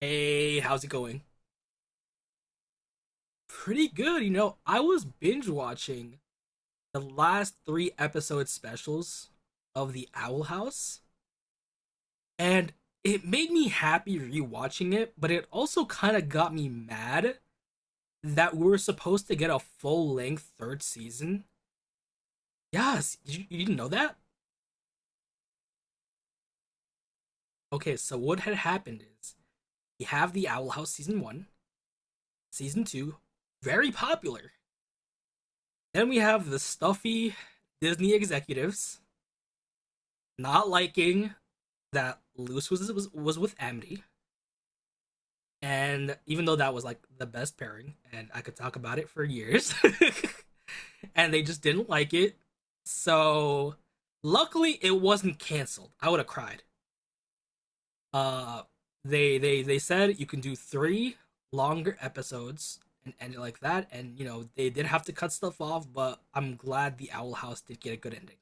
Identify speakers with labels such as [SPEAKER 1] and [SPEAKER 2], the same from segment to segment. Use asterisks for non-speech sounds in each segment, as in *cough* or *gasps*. [SPEAKER 1] Hey, how's it going? Pretty good. I was binge watching the last three episode specials of The Owl House, and it made me happy rewatching it, but it also kind of got me mad that we were supposed to get a full length third season. Yes, you didn't know that? Okay, so what had happened is we have The Owl House season one, season two, very popular. Then we have the stuffy Disney executives not liking that Lewis was with Amity, and even though that was like the best pairing, and I could talk about it for years, *laughs* and they just didn't like it. So luckily, it wasn't canceled. I would have cried. Uh, they said you can do three longer episodes and end it like that. And you know they did have to cut stuff off, but I'm glad the Owl House did get a good ending.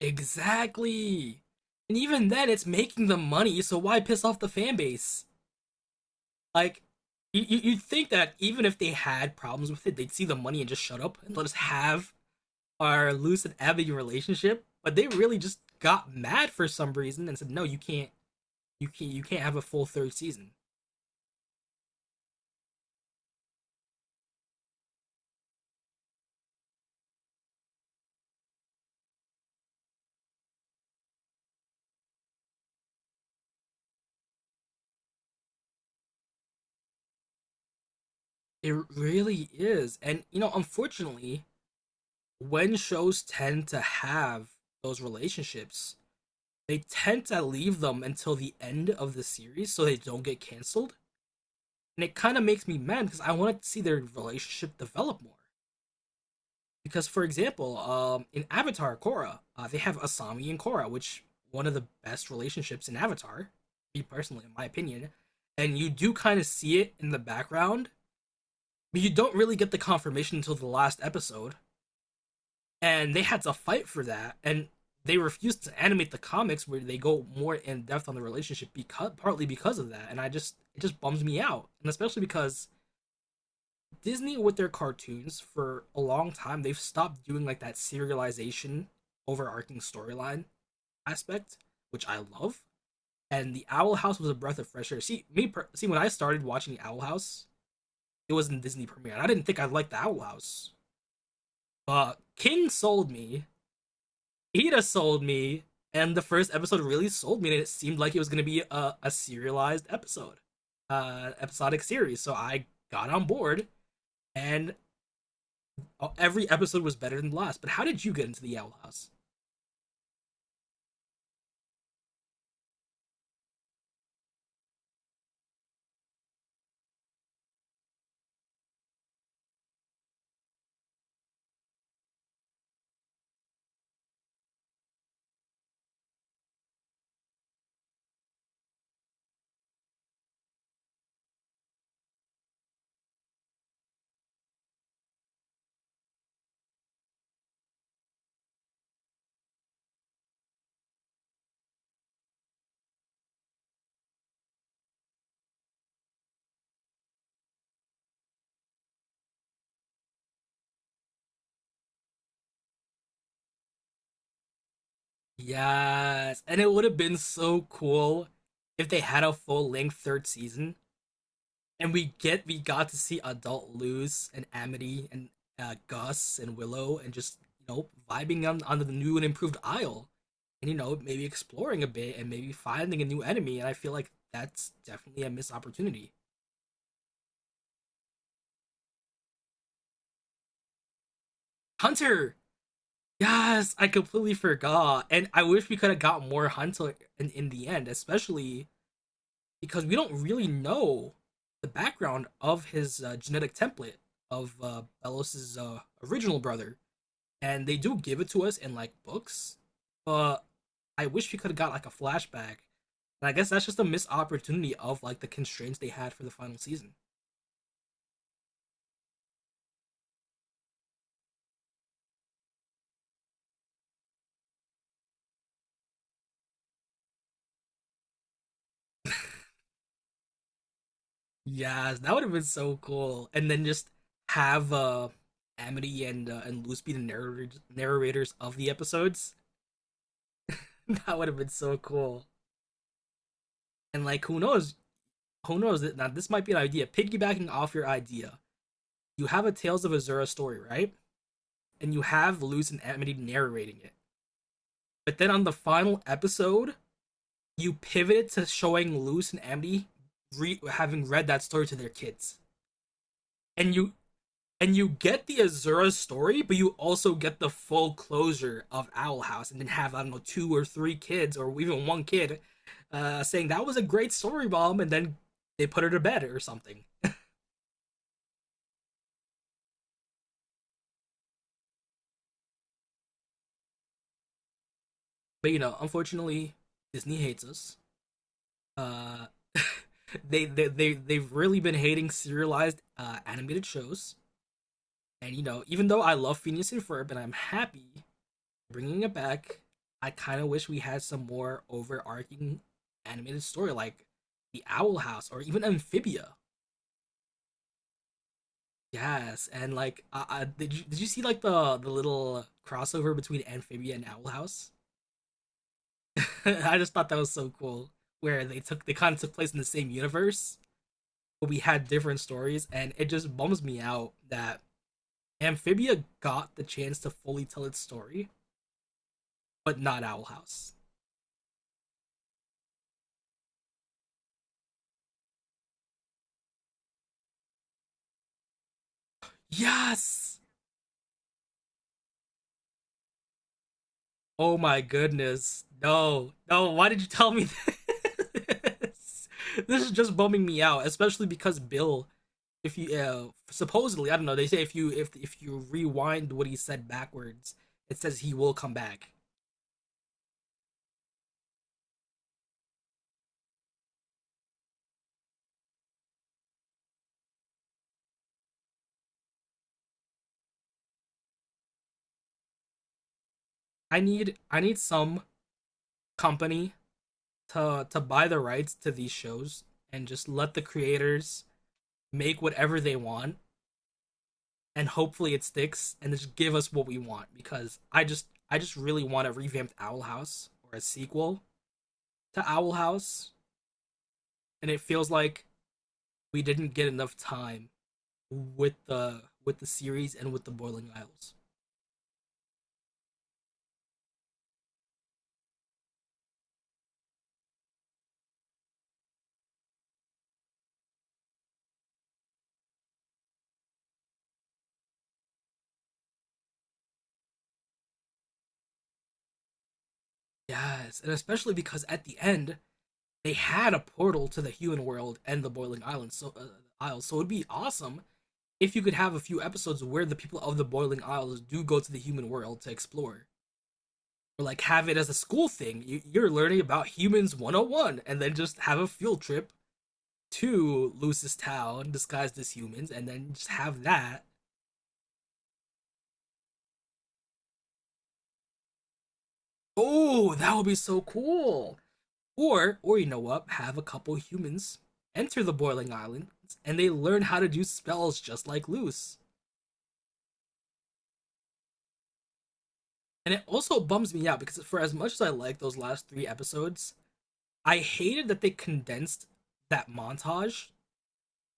[SPEAKER 1] Exactly. And even then, it's making them money, so why piss off the fan base? Like, you would think that even if they had problems with it, they'd see the money and just shut up and let us have our loose and ambigu relationship. But they really just got mad for some reason and said, "No, you can't, you can't, you can't have a full third season." It really is, and you know, unfortunately, when shows tend to have those relationships, they tend to leave them until the end of the series so they don't get canceled. And it kind of makes me mad because I want to see their relationship develop more. Because, for example, in Avatar Korra, they have Asami and Korra, which one of the best relationships in Avatar, me personally, in my opinion. And you do kind of see it in the background, but you don't really get the confirmation until the last episode. And they had to fight for that, and they refused to animate the comics where they go more in depth on the relationship because partly because of that. And I just it just bums me out, and especially because Disney with their cartoons for a long time, they've stopped doing like that serialization overarching storyline aspect, which I love. And the Owl House was a breath of fresh air. See when I started watching the Owl House, it was in Disney premiere, and I didn't think I liked the Owl House. But King sold me, Ida sold me, and the first episode really sold me. And it seemed like it was going to be a serialized episode, episodic series. So I got on board, and oh, every episode was better than the last. But how did you get into the Owl House? Yes, and it would have been so cool if they had a full length third season, and we got to see adult Luz and Amity and Gus and Willow, and just you know vibing on the new and improved Isle, and you know maybe exploring a bit and maybe finding a new enemy. And I feel like that's definitely a missed opportunity. Hunter, yes, I completely forgot. And I wish we could have got more Hunter in the end, especially because we don't really know the background of his genetic template of Belos's original brother. And they do give it to us in like books, but I wish we could have got like a flashback. And I guess that's just a missed opportunity of like the constraints they had for the final season. Yes, that would have been so cool. And then just have Amity and and Luz be the narrators of the episodes. *laughs* That would have been so cool. And like, who knows? Who knows? That now this might be an idea. Piggybacking off your idea, you have a Tales of Azura story, right? And you have Luz and Amity narrating it. But then on the final episode, you pivoted to showing Luz and Amity having read that story to their kids, and you and you get the Azura story, but you also get the full closure of Owl House, and then have I don't know two or three kids, or even one kid, saying that was a great story, mom, and then they put her to bed or something. But you know, unfortunately, Disney hates us. Uh, *laughs* they've really been hating serialized animated shows, and you know, even though I love Phineas and Ferb, and I'm happy bringing it back. I kind of wish we had some more overarching animated story, like the Owl House or even Amphibia. Yes, and like, did you see like the little crossover between Amphibia and Owl House? *laughs* I just thought that was so cool, where they kind of took place in the same universe, but we had different stories, and it just bums me out that Amphibia got the chance to fully tell its story, but not Owl House. Yes, oh my goodness. No. No, why did you tell me this? *laughs* This is just bumming me out, especially because Bill, if you supposedly, I don't know, they say if you rewind what he said backwards, it says he will come back. I need some company to buy the rights to these shows and just let the creators make whatever they want and hopefully it sticks and just give us what we want because I just really want a revamped Owl House or a sequel to Owl House, and it feels like we didn't get enough time with the series and with the Boiling Isles. Yes, and especially because at the end they had a portal to the human world and the Boiling Islands, so Isles. So it'd be awesome if you could have a few episodes where the people of the Boiling Isles do go to the human world to explore or like have it as a school thing. You're learning about humans 101 and then just have a field trip to Lucis Town disguised as humans and then just have that. Oh, that would be so cool. Or you know what, have a couple humans enter the Boiling Island and they learn how to do spells just like Luce. And it also bums me out because for as much as I like those last three episodes, I hated that they condensed that montage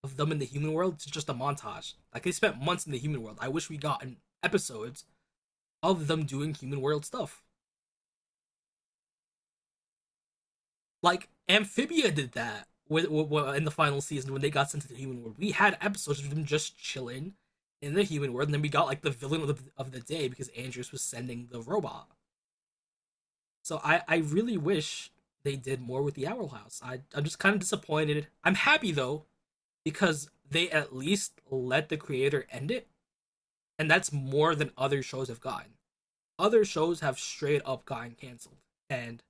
[SPEAKER 1] of them in the human world. It's just a montage. Like, they spent months in the human world. I wish we got an episodes of them doing human world stuff, like Amphibia did that in the final season when they got sent to the human world. We had episodes of them just chilling in the human world, and then we got like the villain of the, day, because Andrews was sending the robot. So I really wish they did more with the Owl House. I'm just kind of disappointed. I'm happy though, because they at least let the creator end it, and that's more than other shows have gotten. Other shows have straight up gotten canceled, and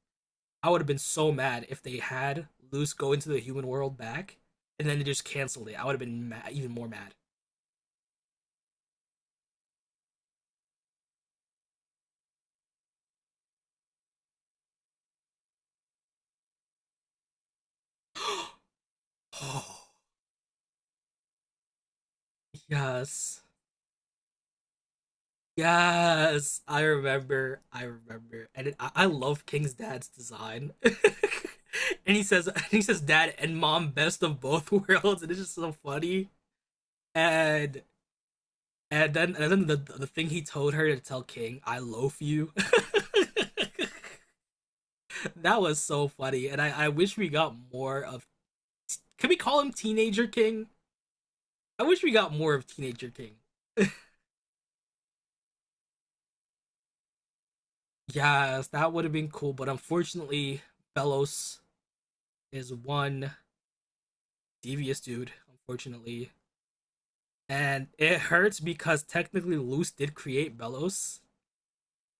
[SPEAKER 1] I would have been so mad if they had Luce go into the human world back, and then they just canceled it. I would have been even more mad. *gasps* Oh, yes. Yes, I remember. I remember, and I love King's dad's design. *laughs* and he says, *laughs* and he says, "Dad and Mom, best of both *laughs* worlds," and it's just so funny. And and then the thing he told her to tell King, "I loaf you." *laughs* That was so funny, and I wish we got more of. Can we call him Teenager King? I wish we got more of Teenager King. *laughs* Yes, that would have been cool, but unfortunately, Belos is one devious dude. Unfortunately, and it hurts because technically Luce did create Belos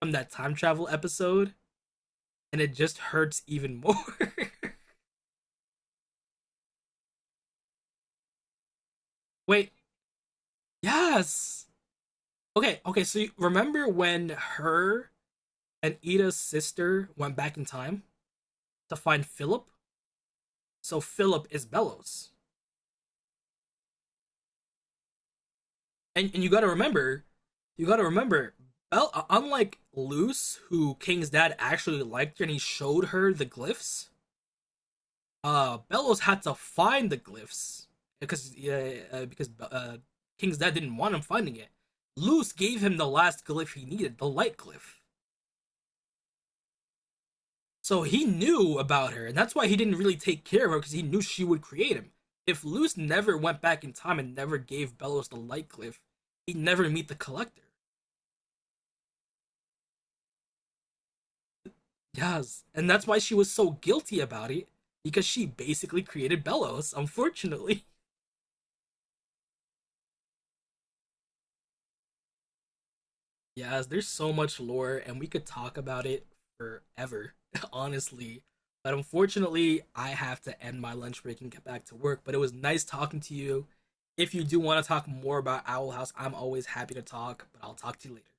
[SPEAKER 1] from that time travel episode, and it just hurts even more. *laughs* Wait, yes. Okay, okay. So you remember when her and Ida's sister went back in time? To find Philip. So Philip is Bellows, and you got to remember, unlike Luce, who King's dad actually liked her and he showed her the glyphs. Bellows had to find the glyphs because yeah, because King's dad didn't want him finding it. Luce gave him the last glyph he needed, the light glyph. So he knew about her, and that's why he didn't really take care of her because he knew she would create him. If Luce never went back in time and never gave Bellows the light cliff, he'd never meet the collector. Yes, and that's why she was so guilty about it because she basically created Bellows, unfortunately. *laughs* Yes, there's so much lore, and we could talk about it forever, *laughs* honestly. But unfortunately, I have to end my lunch break and get back to work. But it was nice talking to you. If you do want to talk more about Owl House, I'm always happy to talk, but I'll talk to you later.